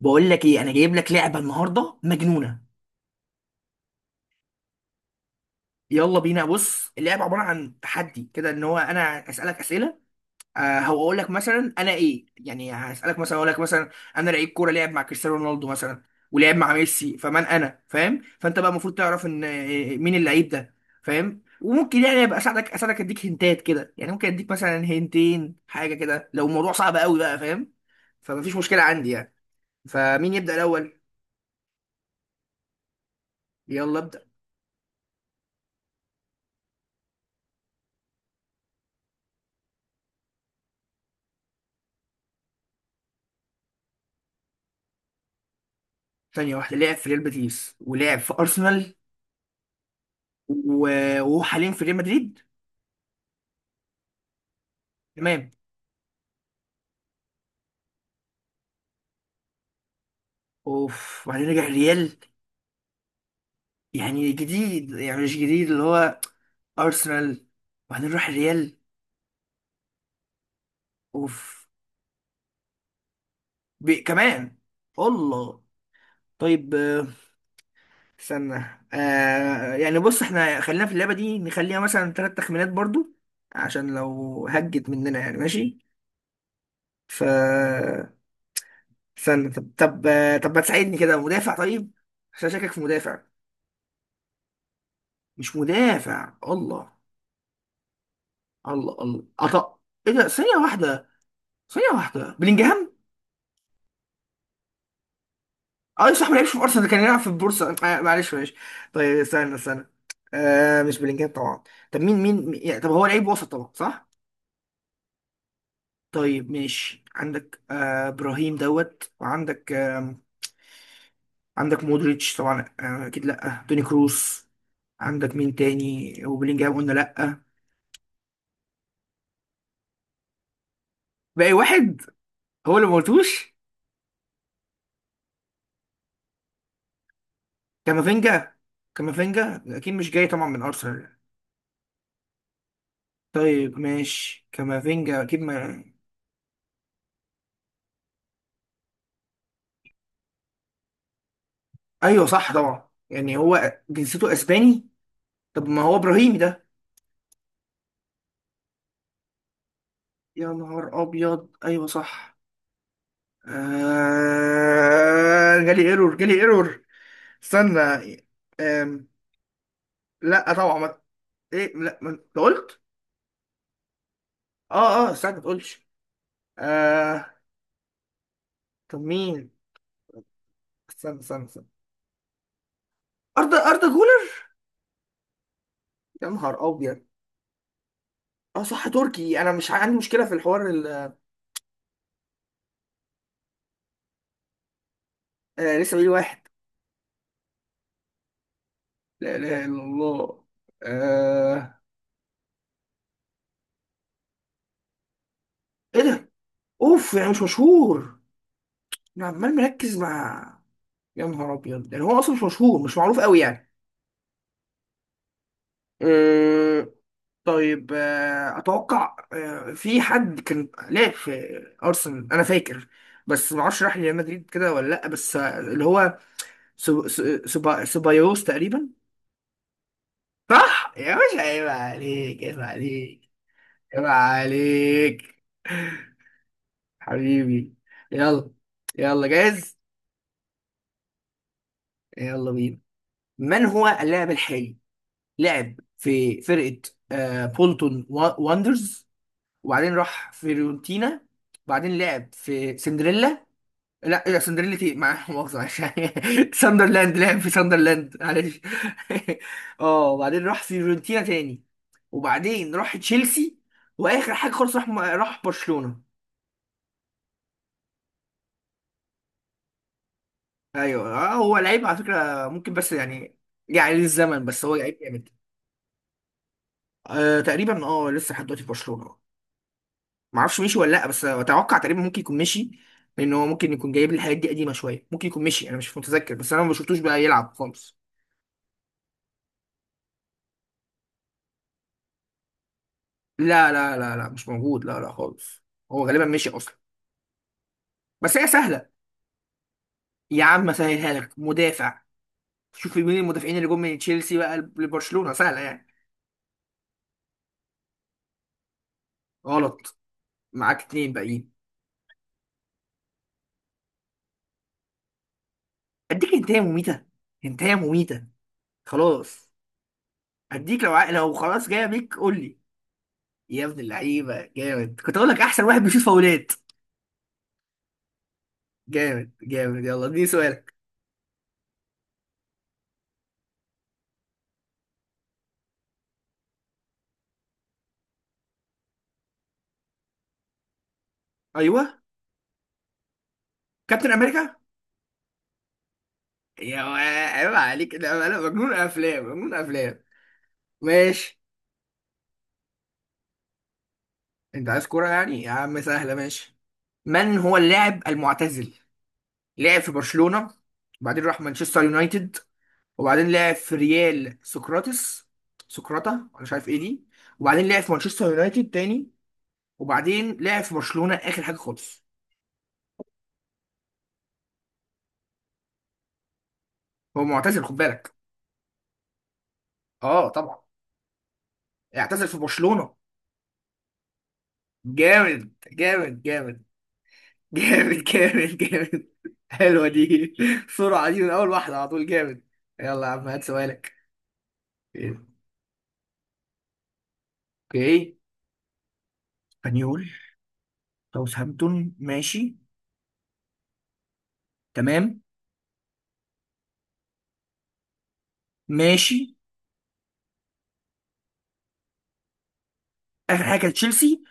بقول لك ايه، انا جايب لك لعبه النهارده مجنونه. يلا بينا. بص اللعبه عباره عن تحدي كده، ان هو انا اسالك اسئله. آه هو اقول لك مثلا انا ايه، يعني هسالك مثلا، اقول لك مثلا انا لعيب كوره لعب مع كريستيانو رونالدو مثلا ولعب مع ميسي، فمن انا؟ فاهم؟ فانت بقى المفروض تعرف ان مين اللعيب ده، فاهم. وممكن يعني ابقى اساعدك، اديك هنتات كده، يعني ممكن اديك مثلا هنتين حاجه كده لو الموضوع صعب قوي بقى، فاهم. فمفيش مشكله عندي يعني. فمين يبدا الاول؟ يلا ابدا. ثانية واحدة، لعب في ريال بيتيس ولعب في أرسنال و- وهو حاليا في ريال مدريد. تمام. اوف، وبعدين رجع الريال. يعني جديد، يعني مش جديد اللي هو أرسنال وبعدين راح الريال. اوف. بي كمان. الله. طيب استنى. آه يعني بص احنا خلينا في اللعبة دي، نخليها مثلا ثلاث تخمينات برضو، عشان لو هجت مننا يعني ماشي. ف استنى، طب طب ما تساعدني كده، مدافع طيب، عشان شاكك في مدافع. مش مدافع الله الله الله أط... ايه ده؟ ثانية واحدة، بلينجهام. اه صح، ما لعبش في ارسنال، كان يلعب في البورصة. معلش معلش. طيب استنى، آه مش بلينجهام طبعا. طب يعني طب هو لعيب وسط طبعا، صح. طيب ماشي، عندك آه ابراهيم دوت، وعندك آه، عندك مودريتش طبعا، آه اكيد لا توني كروس. عندك مين تاني؟ وبلينجهام قلنا لا. باقي واحد هو اللي ما قلتوش. كامافينجا. كامافينجا اكيد مش جاي طبعا من ارسنال. طيب ماشي كامافينجا اكيد ما... ايوه صح طبعا، يعني هو جنسيته اسباني. طب ما هو ابراهيمي ده. يا نهار ابيض، ايوه صح. جالي ايرور، استنى. آم... لا طبعا ما... ايه لا ما... أنت قلت... اه اه استنى ما تقولش. آه... طب مين؟ استنى. اردا، اردا جولر. يا نهار ابيض. اه صح تركي، انا مش عندي مشكله في الحوار آه لسه بقول واحد. لا اله الا الله. آه... ايه ده. اوف، يعني مش مشهور. انا عمال مركز مع... يا نهار ابيض، يعني هو اصلا مش مشهور، مش معروف قوي يعني. آه... طيب اتوقع في حد كان لعب في ارسنال انا فاكر، بس ما اعرفش راح ريال مدريد كده ولا لا، بس اللي هو سبايوس تقريبا. صح يا باشا، عيب عليك، عيب عليك، عيب عليك حبيبي. يلا. يلا جاهز. يلا بينا. من هو اللاعب الحالي؟ لعب في فرقة آه بولتون واندرز، وبعدين راح فيورنتينا، وبعدين لعب في سندريلا. لا لا، سندريلا تي مع مؤاخذة، معلش ساندرلاند، لعب في ساندرلاند معلش اه وبعدين راح فيورنتينا تاني، وبعدين راح تشيلسي، واخر حاجة خالص راح برشلونة. ايوه آه هو لعيب على فكره ممكن بس يعني، يعني للزمن، بس هو لعيب جامد. آه تقريبا اه، لسه لحد دلوقتي في برشلونه، ما اعرفش مشي ولا لا، بس اتوقع تقريبا ممكن يكون مشي، لان هو ممكن يكون جايب لي الحاجات دي قديمه شويه، ممكن يكون مشي انا مش متذكر، بس انا ما شفتوش بقى يلعب خالص. لا مش موجود، لا لا خالص. هو غالبا مشي اصلا. بس هي سهله، يا عم سهلها لك مدافع. شوف مين المدافعين اللي جم من تشيلسي بقى لبرشلونه، سهله يعني. غلط. معاك اتنين باقيين. اديك انتهى مميته، انتهى مميته خلاص. هديك لو لو خلاص جايه بيك قول لي. يا ابن اللعيبه جامد، كنت اقول لك احسن واحد بيشوط فاولات. جامد جامد، يلا اديني سؤالك. ايوه. كابتن امريكا. يا وا- عيب عليك، ده انا مجنون افلام، مجنون افلام. ماشي. انت عايز كوره يعني، يا عم سهله ماشي. من هو اللاعب المعتزل؟ لعب في برشلونه، وبعدين راح مانشستر يونايتد، وبعدين لعب في ريال سقراطس، سقراطه انا مش عارف ايه دي، وبعدين لعب في مانشستر يونايتد تاني، وبعدين لعب في برشلونة آخر حاجة خالص. هو معتزل خد بالك. اه طبعا. اعتزل في برشلونة. جامد جامد جامد جامد جامد جامد. حلوة دي، بسرعة دي من أول واحدة على طول، جامد. يلا يا عم هات سؤالك. اوكي. اسبانيول. ساوثهامبتون ماشي. تمام. ماشي. آخر حاجة كانت تشيلسي.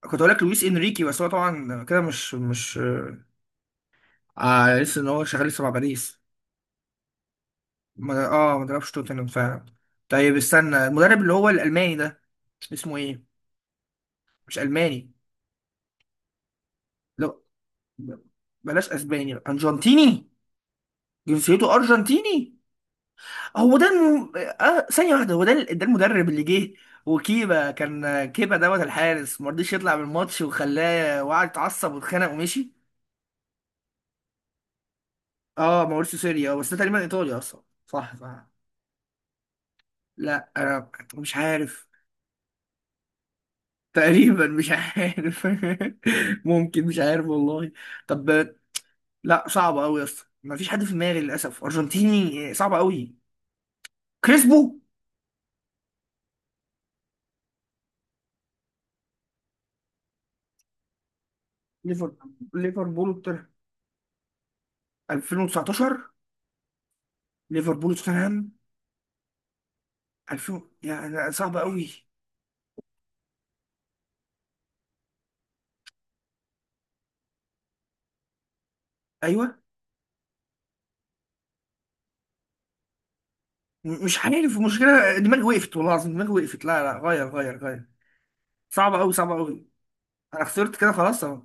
كنت هقول لك لويس انريكي، بس هو طبعا كده مش مش... آه لسه ان هو شغال لسه مع باريس. اه ما دربش توتنهام فعلا. طيب استنى، المدرب اللي هو الألماني ده اسمه ايه؟ مش ألماني؟ لا، بلاش اسباني بقى. ارجنتيني؟ جنسيته ارجنتيني. هو ده آه ثانيه واحده، هو ده ده المدرب اللي جه وكيبا، كان كيبا دوت الحارس ما رضيش يطلع من الماتش وخلاه وقعد اتعصب واتخانق ومشي. اه ماوريسيو سيريا، بس ده تقريبا ايطالي اصلا، صح صح. لا انا مش عارف. تقريبا مش عارف. ممكن، مش عارف والله. طب... لا صعبه قوي يا اسطى، ما فيش حد في دماغي للاسف ارجنتيني، صعبه قوي. كريسبو. ليفربول، 2019، ليفربول وتوتنهام، 2000 يعني صعبة قوي. ايوه. مش عارف، المشكله دماغي وقفت، والله العظيم دماغي وقفت. لا لا، غير غير غير. صعبة قوي، صعبة قوي. انا خسرت كده خلاص اهو.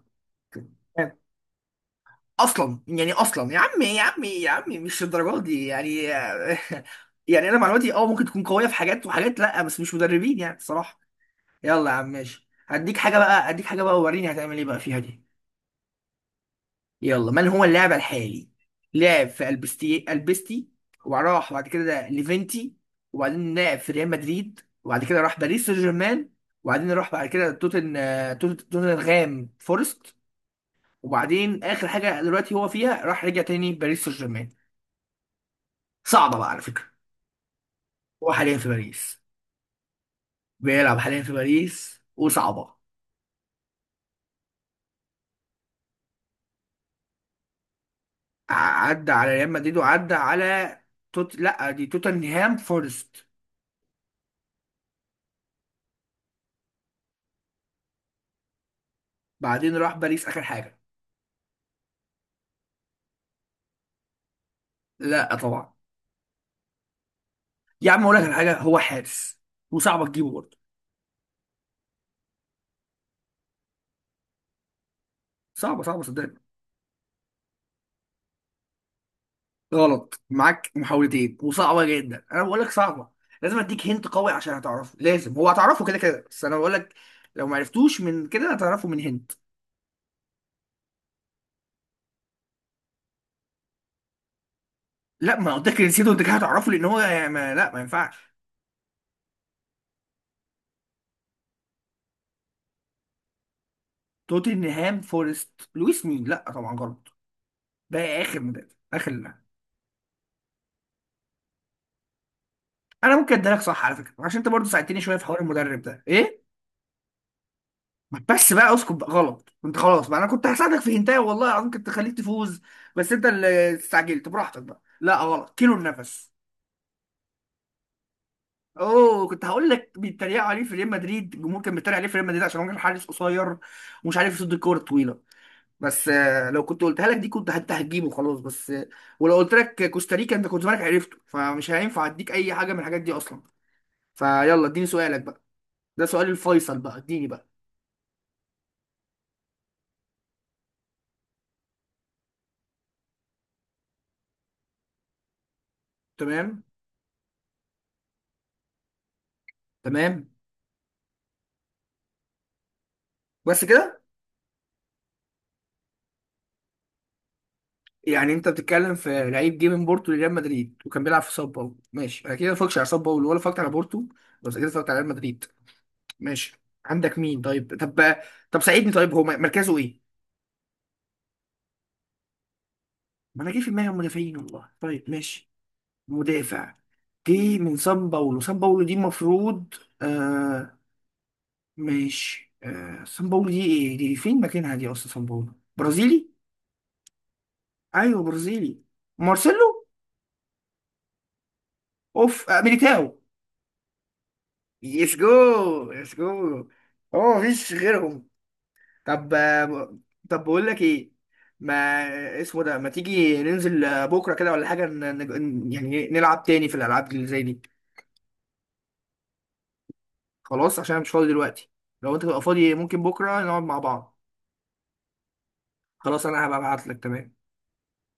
اصلا يعني، اصلا يا عم، يا عم يا عم مش الدرجات دي يعني. يعني انا معلوماتي اه ممكن تكون قويه في حاجات وحاجات، لا بس مش مدربين يعني الصراحه. يلا يا عم ماشي، هديك حاجه بقى، ووريني هتعمل ايه بقى فيها دي. يلا من هو اللاعب الحالي؟ لعب في البستي، وراح بعد كده ليفنتي، وبعدين لعب في ريال مدريد، وبعد كده راح باريس سان جيرمان، وبعدين راح بعد كده توتنغهام فورست، وبعدين اخر حاجه دلوقتي هو فيها، راح رجع تاني باريس سان جيرمان. صعبه بقى على فكره. هو حاليا في باريس. بيلعب حاليا في باريس، وصعبه. ع- عدى على ريال مدريد، وعدى على توت، لا دي توتنهام فورست، بعدين راح باريس اخر حاجه. لا طبعا. يا عم اقول لك على حاجه، هو حارس، وصعبه تجيبه برضه. صعبه صعبه صدقني. غلط. معاك محاولتين، وصعبه جدا، انا بقول لك صعبه. لازم اديك هنت قوي عشان هتعرفه، لازم، هو هتعرفه كده كده، بس انا بقول لك لو ما عرفتوش من كده هتعرفه من هنت. لا ما قلت لك نسيته انت كده هتعرفه، لان هو يعني ما... لا ما ينفعش. توتنهام فورست، لويس مين؟ لا طبعا غلط. ده اخر مدرب. اخر، لا. انا ممكن اديلك صح على فكره، عشان انت برضه ساعدتني شويه في حوار المدرب ده ايه، بس بقى اسكت بقى، غلط انت خلاص بقى، انا كنت هساعدك في هنتايه والله العظيم، كنت خليك تفوز، بس انت اللي استعجلت براحتك بقى. لا غلط، كيلو النفس. اوه، كنت هقول لك بيتريقوا عليه في ريال مدريد، الجمهور كان بيتريق عليه في ريال مدريد عشان هو كان حارس قصير، ومش عارف يصد الكوره الطويله، بس لو كنت قلتها لك دي كنت انت هتجيبه خلاص، بس ولو قلت لك كوستاريكا انت كنت زمانك عرفته، فمش هينفع اديك اي حاجه من الحاجات دي اصلا. فيلا اديني سؤالك بقى، ده سؤال الفيصل بقى، اديني بقى. تمام. تمام. بس كده؟ يعني انت بتتكلم في لعيب جه من بورتو لريال مدريد وكان بيلعب في ساو باولو، ماشي انا كده ما اتفرجتش على ساو باولو ولا اتفرجت على بورتو، بس كده اتفرجت على ريال مدريد. ماشي. عندك مين طيب؟ طب طب ساعدني، طيب هو مركزه ايه؟ ما انا جه في دماغي المدافعين والله. طيب ماشي، مدافع جه من ساو باولو. ساو باولو دي المفروض آه، ماشي، آه ساو باولو دي ايه دي، فين مكانها دي اصلا؟ ساو باولو برازيلي. ايوه برازيلي. مارسيلو. اوف، آه ميليتاو. يسجو، يسجو. هو مفيش غيرهم. طب. طب بقول لك ايه، ما اسمه ده، ما تيجي ننزل بكره كده ولا حاجه، يعني إيه، نلعب تاني في الالعاب اللي زي دي. خلاص عشان انا مش فاضي دلوقتي، لو انت تبقى فاضي ممكن بكره نقعد مع بعض. خلاص انا هبقى ابعت لك. تمام.